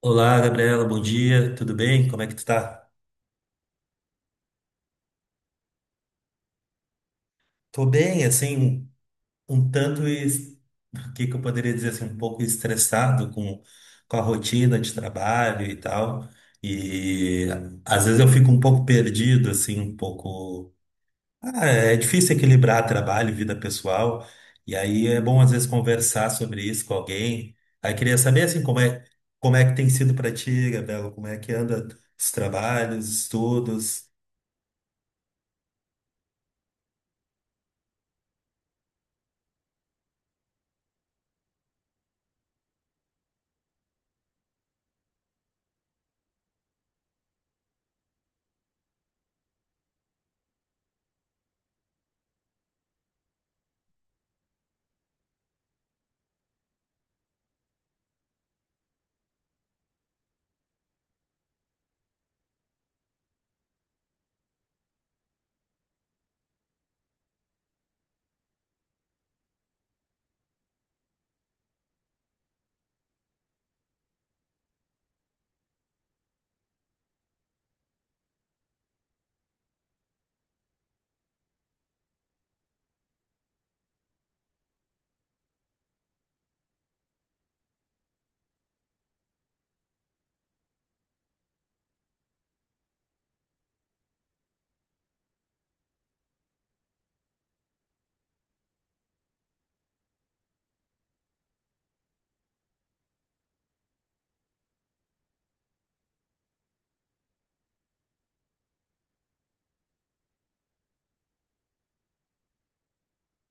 Olá, Gabriela, bom dia, tudo bem? Como é que tu tá? Tô bem, assim, um tanto, o que que eu poderia dizer, assim, um pouco estressado com a rotina de trabalho e tal, e às vezes eu fico um pouco perdido, assim, um pouco. Ah, é difícil equilibrar trabalho e vida pessoal, e aí é bom às vezes conversar sobre isso com alguém. Aí queria saber, assim, como é que tem sido pra ti, Gabriela, como é que anda os trabalhos, estudos.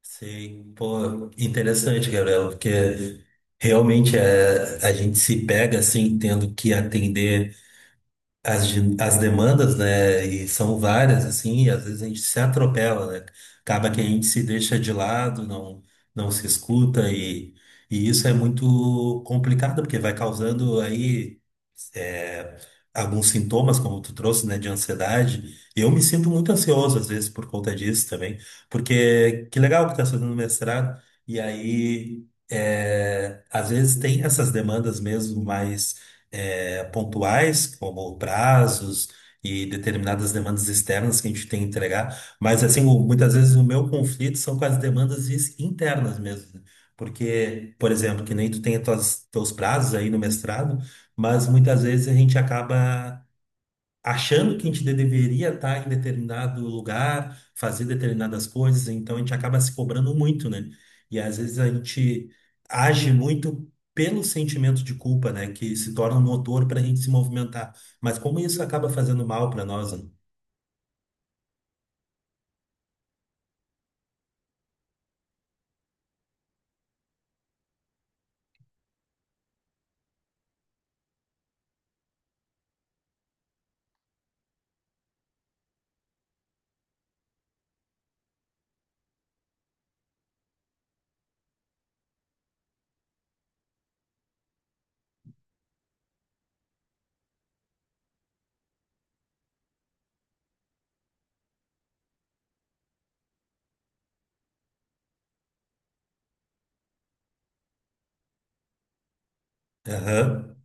Sei, pô, interessante, Gabriela, porque realmente é, a gente se pega assim, tendo que atender as demandas, né? E são várias, assim, e às vezes a gente se atropela, né? Acaba que a gente se deixa de lado, não, não se escuta, e isso é muito complicado, porque vai causando aí alguns sintomas, como tu trouxe, né, de ansiedade. Eu me sinto muito ansioso às vezes por conta disso também, porque que legal que tá fazendo mestrado e aí é, às vezes tem essas demandas mesmo mais é, pontuais, como prazos e determinadas demandas externas que a gente tem que entregar, mas assim muitas vezes o meu conflito são com as demandas internas mesmo, né? Porque, por exemplo, que nem tu tem os teus prazos aí no mestrado, mas muitas vezes a gente acaba achando que a gente deveria estar em determinado lugar, fazer determinadas coisas, então a gente acaba se cobrando muito, né? E às vezes a gente age muito pelo sentimento de culpa, né? Que se torna um motor para a gente se movimentar. Mas como isso acaba fazendo mal para nós, né? Aham.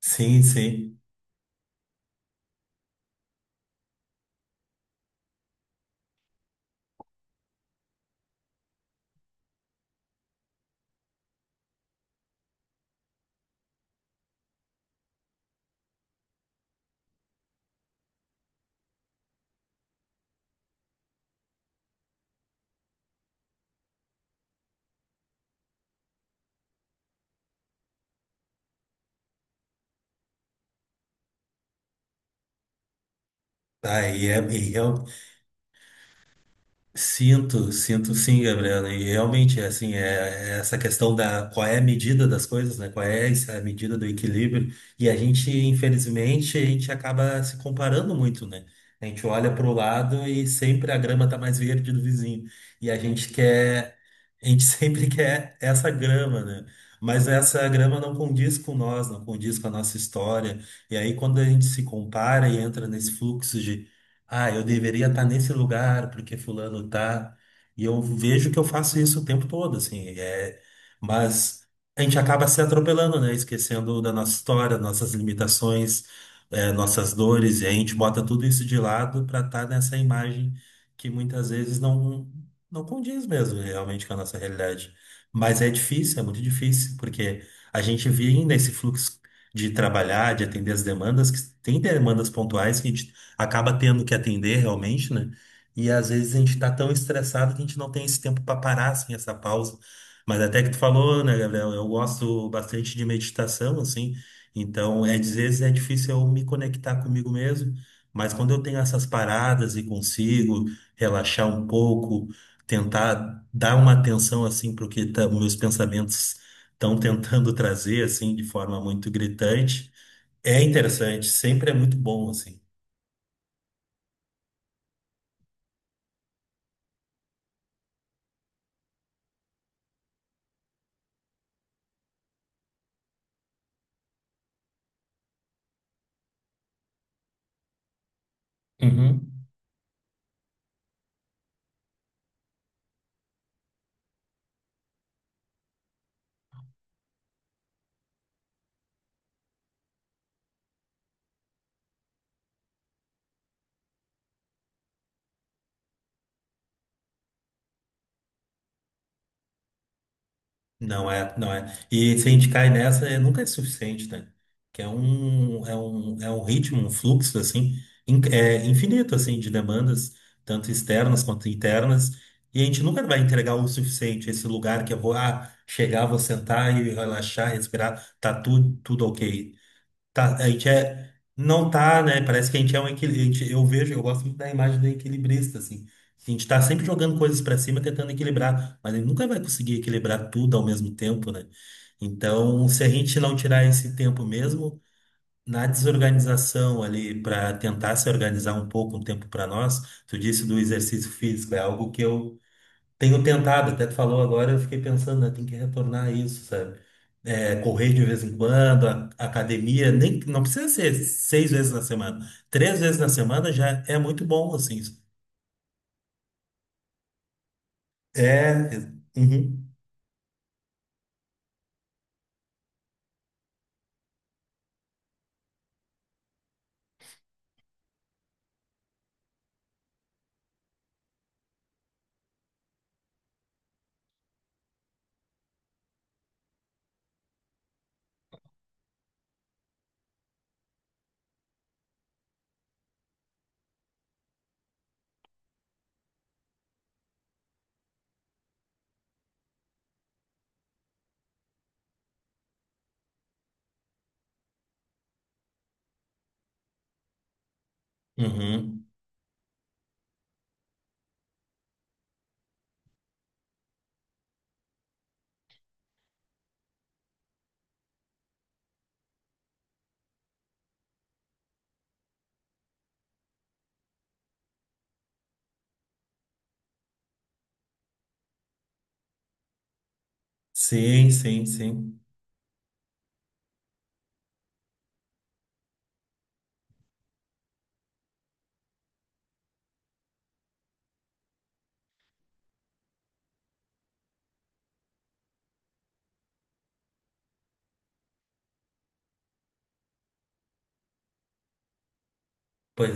Sim, sim. Tá, e é, sinto, sinto sim, Gabriela. E realmente, assim, é essa questão da qual é a medida das coisas, né? Qual é essa a medida do equilíbrio? E a gente, infelizmente, a gente acaba se comparando muito, né? A gente olha para o lado e sempre a grama tá mais verde do vizinho. E a gente quer, a gente sempre quer essa grama, né? Mas essa grama não condiz com nós, não condiz com a nossa história. E aí, quando a gente se compara e entra nesse fluxo de ah, eu deveria estar nesse lugar porque fulano tá. E eu vejo que eu faço isso o tempo todo, assim. É. Mas a gente acaba se atropelando, né? Esquecendo da nossa história, nossas limitações, é, nossas dores. E a gente bota tudo isso de lado para estar nessa imagem que muitas vezes não condiz mesmo né, realmente com a nossa realidade. Mas é difícil, é muito difícil, porque a gente vive nesse fluxo de trabalhar, de atender as demandas, que tem demandas pontuais que a gente acaba tendo que atender realmente, né? E às vezes a gente está tão estressado que a gente não tem esse tempo para parar, assim, essa pausa. Mas até que tu falou, né, Gabriel? Eu gosto bastante de meditação, assim. Então, é, às vezes é difícil eu me conectar comigo mesmo, mas quando eu tenho essas paradas e consigo relaxar um pouco, tentar dar uma atenção, assim, para o que meus pensamentos estão tentando trazer, assim, de forma muito gritante, é interessante, sempre é muito bom, assim. Uhum. Não é, não é. E se a gente cai nessa, é, nunca é suficiente, né? Que é um ritmo, um fluxo, assim, é infinito, assim, de demandas, tanto externas quanto internas, e a gente nunca vai entregar o suficiente, esse lugar que eu vou, ah, chegar, vou sentar e relaxar, respirar, tá tudo, tudo ok. Tá, a gente é, não tá, né? Parece que a gente é um equilibrista. Eu vejo, eu gosto muito da imagem do equilibrista, assim. A gente tá sempre jogando coisas para cima, tentando equilibrar, mas ele nunca vai conseguir equilibrar tudo ao mesmo tempo, né? Então, se a gente não tirar esse tempo mesmo na desorganização ali para tentar se organizar um pouco, um tempo para nós, tu disse do exercício físico, é algo que eu tenho tentado, até tu falou agora, eu fiquei pensando, né, tem que retornar a isso, sabe? É, correr de vez em quando, academia, nem, não precisa ser 6 vezes na semana. 3 vezes na semana já é muito bom, assim. É, uhum, uhum. Sim, sim, sim. Pois,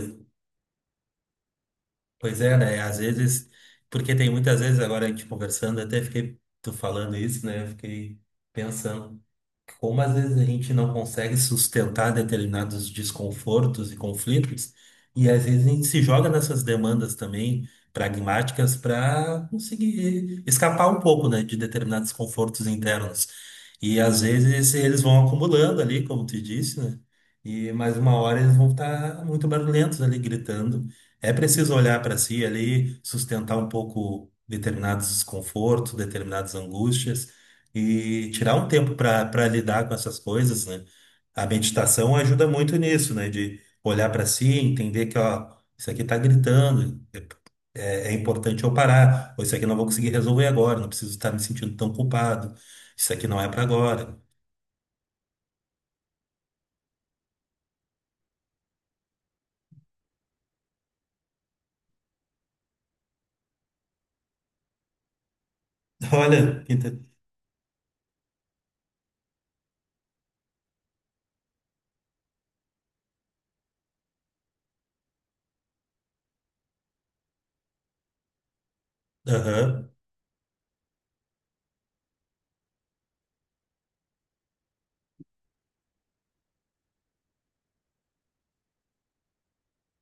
pois é, né? Às vezes, porque tem muitas vezes agora a gente conversando, até fiquei, tu falando isso, né? Eu fiquei pensando. Como às vezes a gente não consegue sustentar determinados desconfortos e conflitos, e às vezes a gente se joga nessas demandas também pragmáticas para conseguir escapar um pouco, né, de determinados confortos internos. E às vezes eles vão acumulando ali, como tu disse, né? E mais uma hora eles vão estar muito barulhentos ali, gritando. É preciso olhar para si ali, sustentar um pouco determinados desconfortos, determinadas angústias e tirar um tempo para lidar com essas coisas, né? A meditação ajuda muito nisso, né? De olhar para si, entender que, ó, isso aqui tá gritando, é, é importante eu parar, ou isso aqui eu não vou conseguir resolver agora, não preciso estar me sentindo tão culpado, isso aqui não é para agora. Olha, inte-. Aham.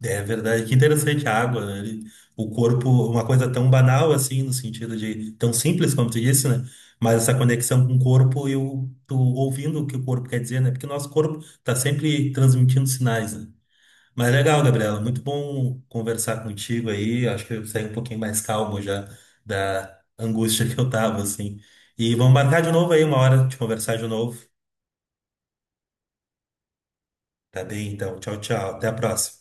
É verdade, que interessante a água, né? Ele-. O corpo, uma coisa tão banal assim, no sentido de tão simples como tu disse, né? Mas essa conexão com o corpo e o, tu ouvindo o que o corpo quer dizer, né? Porque o nosso corpo tá sempre transmitindo sinais, né? Mas legal, Gabriela, muito bom conversar contigo aí. Acho que eu saí um pouquinho mais calmo já da angústia que eu tava, assim. E vamos marcar de novo aí, uma hora de conversar de novo. Tá bem, então. Tchau, tchau. Até a próxima.